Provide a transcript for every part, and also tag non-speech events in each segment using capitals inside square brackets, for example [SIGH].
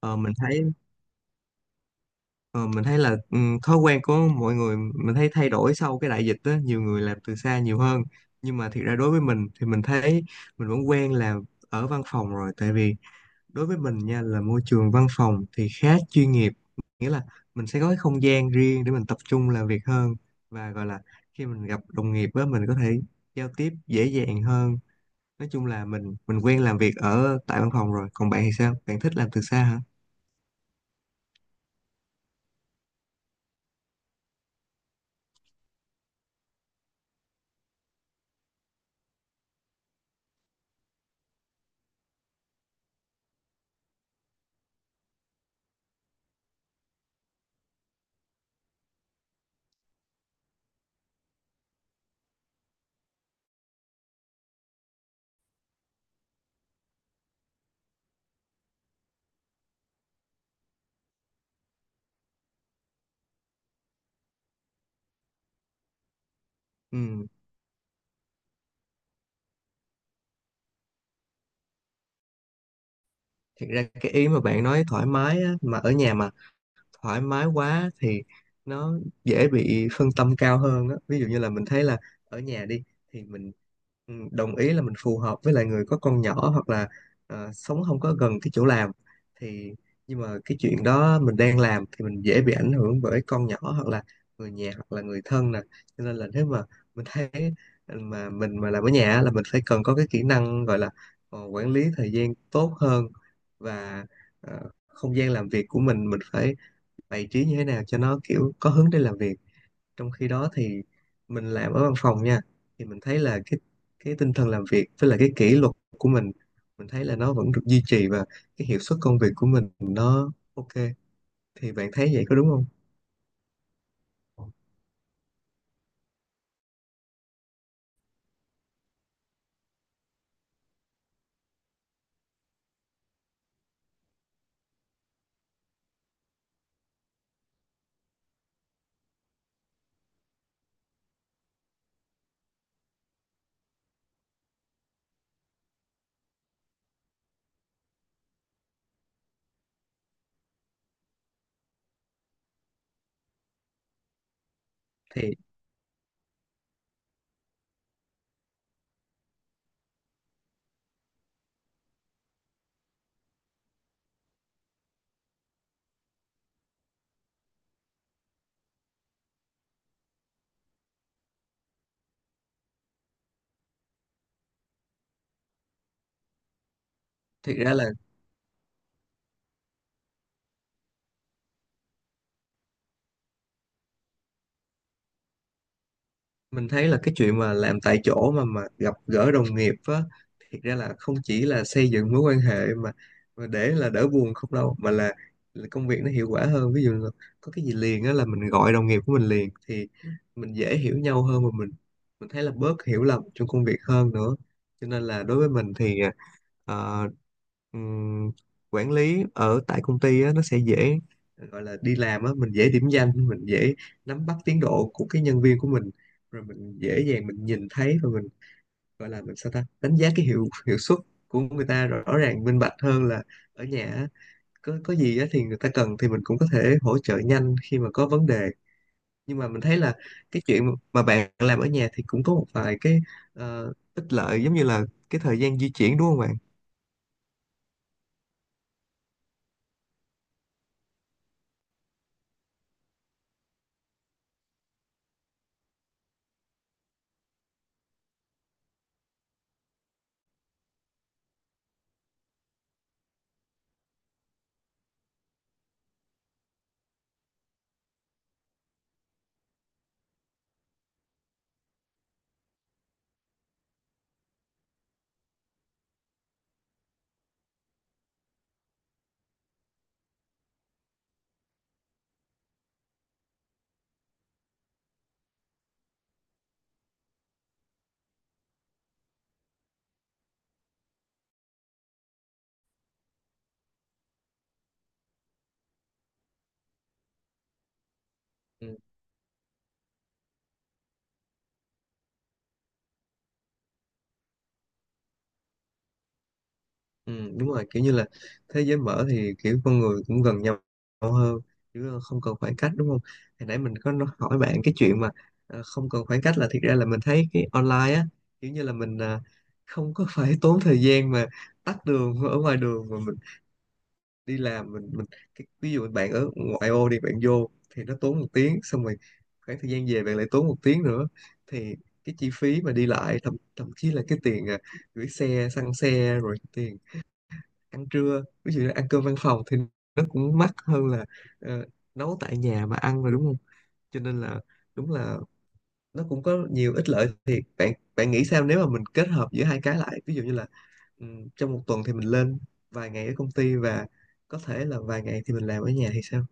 Ờ, mình thấy ờ, mình thấy là thói quen của mọi người mình thấy thay đổi sau cái đại dịch á, nhiều người làm từ xa nhiều hơn. Nhưng mà thiệt ra đối với mình thì mình thấy mình vẫn quen làm ở văn phòng rồi, tại vì đối với mình nha, là môi trường văn phòng thì khá chuyên nghiệp, nghĩa là mình sẽ có cái không gian riêng để mình tập trung làm việc hơn, và gọi là khi mình gặp đồng nghiệp á, mình có thể giao tiếp dễ dàng hơn. Nói chung là mình quen làm việc ở tại văn phòng rồi, còn bạn thì sao, bạn thích làm từ xa hả? Ừ. Thật ra cái ý mà bạn nói thoải mái á, mà ở nhà mà thoải mái quá thì nó dễ bị phân tâm cao hơn á. Ví dụ như là mình thấy là ở nhà đi, thì mình đồng ý là mình phù hợp với lại người có con nhỏ, hoặc là sống không có gần cái chỗ làm, thì nhưng mà cái chuyện đó mình đang làm thì mình dễ bị ảnh hưởng bởi con nhỏ, hoặc là người nhà, hoặc là người thân nè. Cho nên là nếu mà mình thấy mà mình mà làm ở nhà á, là mình phải cần có cái kỹ năng gọi là quản lý thời gian tốt hơn, và không gian làm việc của mình phải bày trí như thế nào cho nó kiểu có hướng để làm việc. Trong khi đó thì mình làm ở văn phòng nha, thì mình thấy là cái tinh thần làm việc với lại cái kỷ luật của mình thấy là nó vẫn được duy trì, và cái hiệu suất công việc của mình nó ok. Thì bạn thấy vậy có đúng không? Thì thiệt ra là mình thấy là cái chuyện mà làm tại chỗ mà gặp gỡ đồng nghiệp á, thiệt ra là không chỉ là xây dựng mối quan hệ mà để là đỡ buồn không đâu, mà là công việc nó hiệu quả hơn. Ví dụ là có cái gì liền á là mình gọi đồng nghiệp của mình liền, thì mình dễ hiểu nhau hơn, và mình thấy là bớt hiểu lầm trong công việc hơn nữa. Cho nên là đối với mình thì ờ, ừm, quản lý ở tại công ty á, nó sẽ dễ, gọi là đi làm á, mình dễ điểm danh, mình dễ nắm bắt tiến độ của cái nhân viên của mình, rồi mình dễ dàng mình nhìn thấy, và mình gọi là mình sao ta đánh giá cái hiệu hiệu suất của người ta rõ ràng minh bạch hơn là ở nhà á. Có gì á thì người ta cần thì mình cũng có thể hỗ trợ nhanh khi mà có vấn đề. Nhưng mà mình thấy là cái chuyện mà bạn làm ở nhà thì cũng có một vài cái ích lợi, giống như là cái thời gian di chuyển, đúng không bạn? Ừ, đúng rồi, kiểu như là thế giới mở thì kiểu con người cũng gần nhau hơn, chứ không cần khoảng cách đúng không. Hồi nãy mình có hỏi bạn cái chuyện mà không cần khoảng cách, là thiệt ra là mình thấy cái online á, kiểu như là mình không có [LAUGHS] phải tốn thời gian mà tắt đường ở ngoài đường mà mình đi làm mình cái, ví dụ bạn ở ngoại ô đi, bạn vô thì nó tốn một tiếng, xong rồi khoảng thời gian về bạn lại tốn một tiếng nữa, thì cái chi phí mà đi lại, thậm thậm chí là cái tiền gửi xe, xăng xe, rồi tiền ăn trưa, ví dụ như ăn cơm văn phòng thì nó cũng mắc hơn là ờ, nấu tại nhà mà ăn rồi đúng không. Cho nên là đúng là nó cũng có nhiều ích lợi thiệt. Bạn bạn nghĩ sao nếu mà mình kết hợp giữa hai cái lại, ví dụ như là trong một tuần thì mình lên vài ngày ở công ty, và có thể là vài ngày thì mình làm ở nhà thì sao?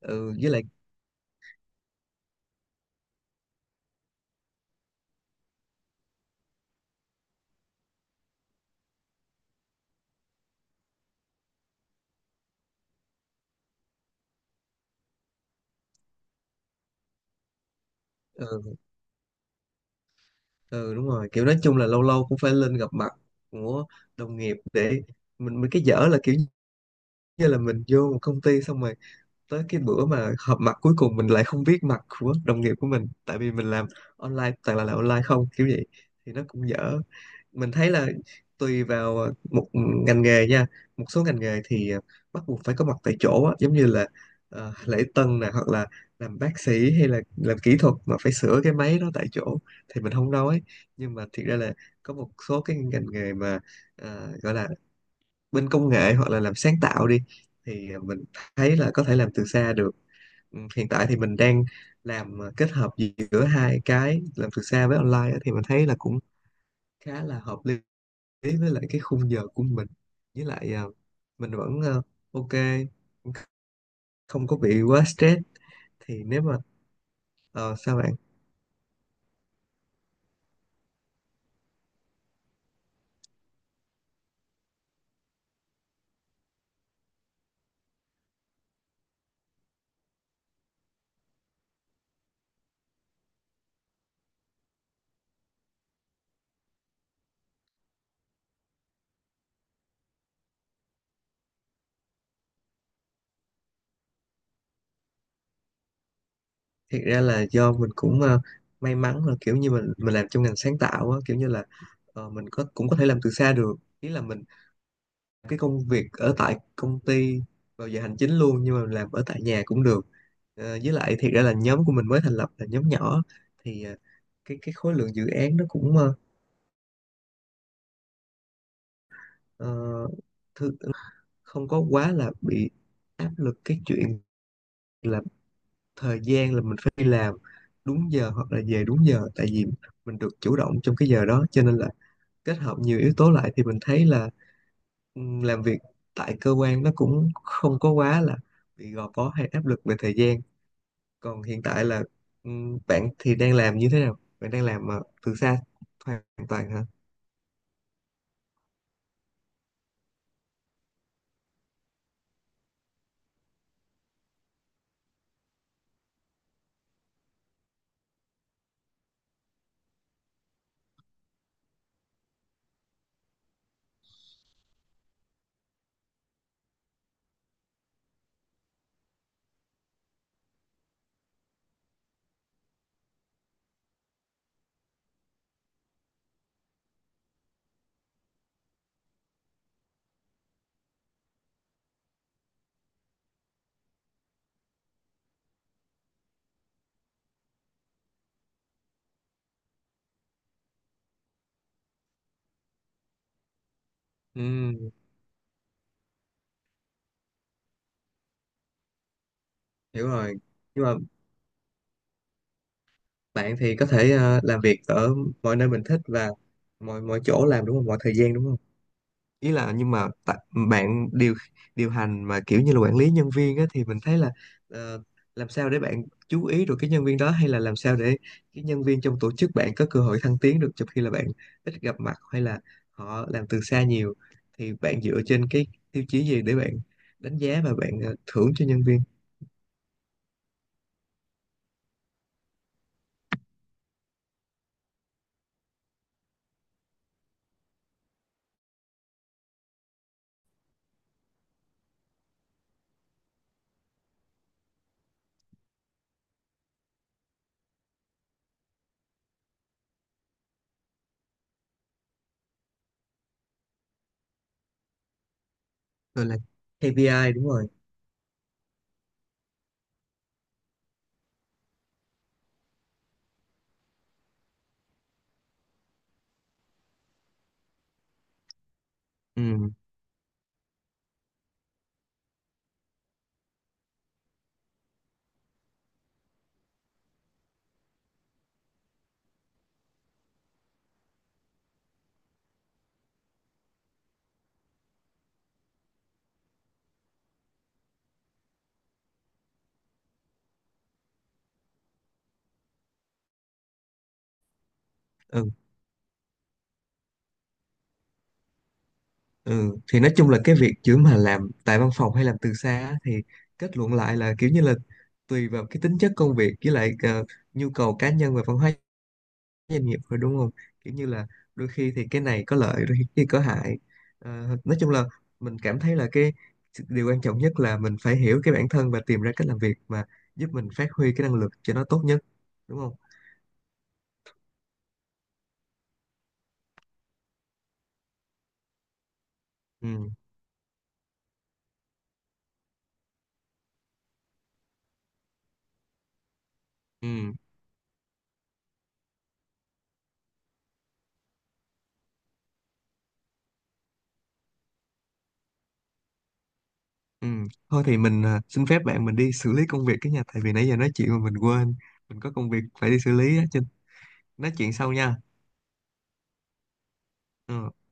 Ừ, với lại ừ, ừ đúng rồi, kiểu nói chung là lâu lâu cũng phải lên gặp mặt của đồng nghiệp, để mình cái dở là kiểu như là mình vô một công ty xong rồi tới cái bữa mà họp mặt cuối cùng mình lại không biết mặt của đồng nghiệp của mình, tại vì mình làm online, toàn là làm online không kiểu vậy, thì nó cũng dở. Mình thấy là tùy vào một ngành nghề nha. Một số ngành nghề thì à, bắt buộc phải có mặt tại chỗ á, giống như là lễ tân nè, hoặc là làm bác sĩ, hay là làm kỹ thuật mà phải sửa cái máy đó tại chỗ, thì mình không nói. Nhưng mà thiệt ra là có một số cái ngành nghề mà gọi là bên công nghệ hoặc là làm sáng tạo đi, thì à, mình thấy là có thể làm từ xa được. Ừ, hiện tại thì mình đang làm kết hợp giữa hai cái, làm từ xa với online á, thì mình thấy là cũng khá là hợp lý với lại cái khung giờ của mình, với lại mình vẫn ok, không có bị quá stress. Thì nếu mà sao bạn, thiệt ra là do mình cũng may mắn là kiểu như mình làm trong ngành sáng tạo á, kiểu như là mình có cũng có thể làm từ xa được, ý là mình cái công việc ở tại công ty vào giờ hành chính luôn, nhưng mà làm ở tại nhà cũng được. Ờ, với lại thiệt ra là nhóm của mình mới thành lập, là nhóm nhỏ, thì cái khối lượng dự án nó cũng ờ, thư- không có quá là bị áp lực cái chuyện là thời gian, là mình phải đi làm đúng giờ hoặc là về đúng giờ, tại vì mình được chủ động trong cái giờ đó. Cho nên là kết hợp nhiều yếu tố lại thì mình thấy là làm việc tại cơ quan nó cũng không có quá là bị gò bó hay áp lực về thời gian. Còn hiện tại là bạn thì đang làm như thế nào? Bạn đang làm từ xa hoàn toàn hả? Ừm, hiểu rồi. Nhưng mà bạn thì có thể làm việc ở mọi nơi mình thích, và mọi mọi chỗ làm đúng không? Mọi thời gian đúng không? Ý là nhưng mà bạn điều điều hành mà kiểu như là quản lý nhân viên á, thì mình thấy là ờ, làm sao để bạn chú ý được cái nhân viên đó, hay là làm sao để cái nhân viên trong tổ chức bạn có cơ hội thăng tiến được, trong khi là bạn ít gặp mặt hay là họ làm từ xa nhiều, thì bạn dựa trên cái tiêu chí gì để bạn đánh giá và bạn thưởng cho nhân viên? Rồi, là KPI, đúng rồi, ừ. Ừ, thì nói chung là cái việc chữ mà làm tại văn phòng hay làm từ xa á, thì kết luận lại là kiểu như là tùy vào cái tính chất công việc, với lại nhu cầu cá nhân và văn hóa doanh nghiệp thôi, đúng không? Kiểu như là đôi khi thì cái này có lợi, đôi khi có hại. Ờ, nói chung là mình cảm thấy là cái điều quan trọng nhất là mình phải hiểu cái bản thân và tìm ra cách làm việc mà giúp mình phát huy cái năng lực cho nó tốt nhất, đúng không? Ừ, ừ. Ừ. Thôi thì mình xin phép bạn, mình đi xử lý công việc cái nhà, tại vì nãy giờ nói chuyện mà mình quên mình có công việc phải đi xử lý á chứ. Nói chuyện sau nha. Ừ.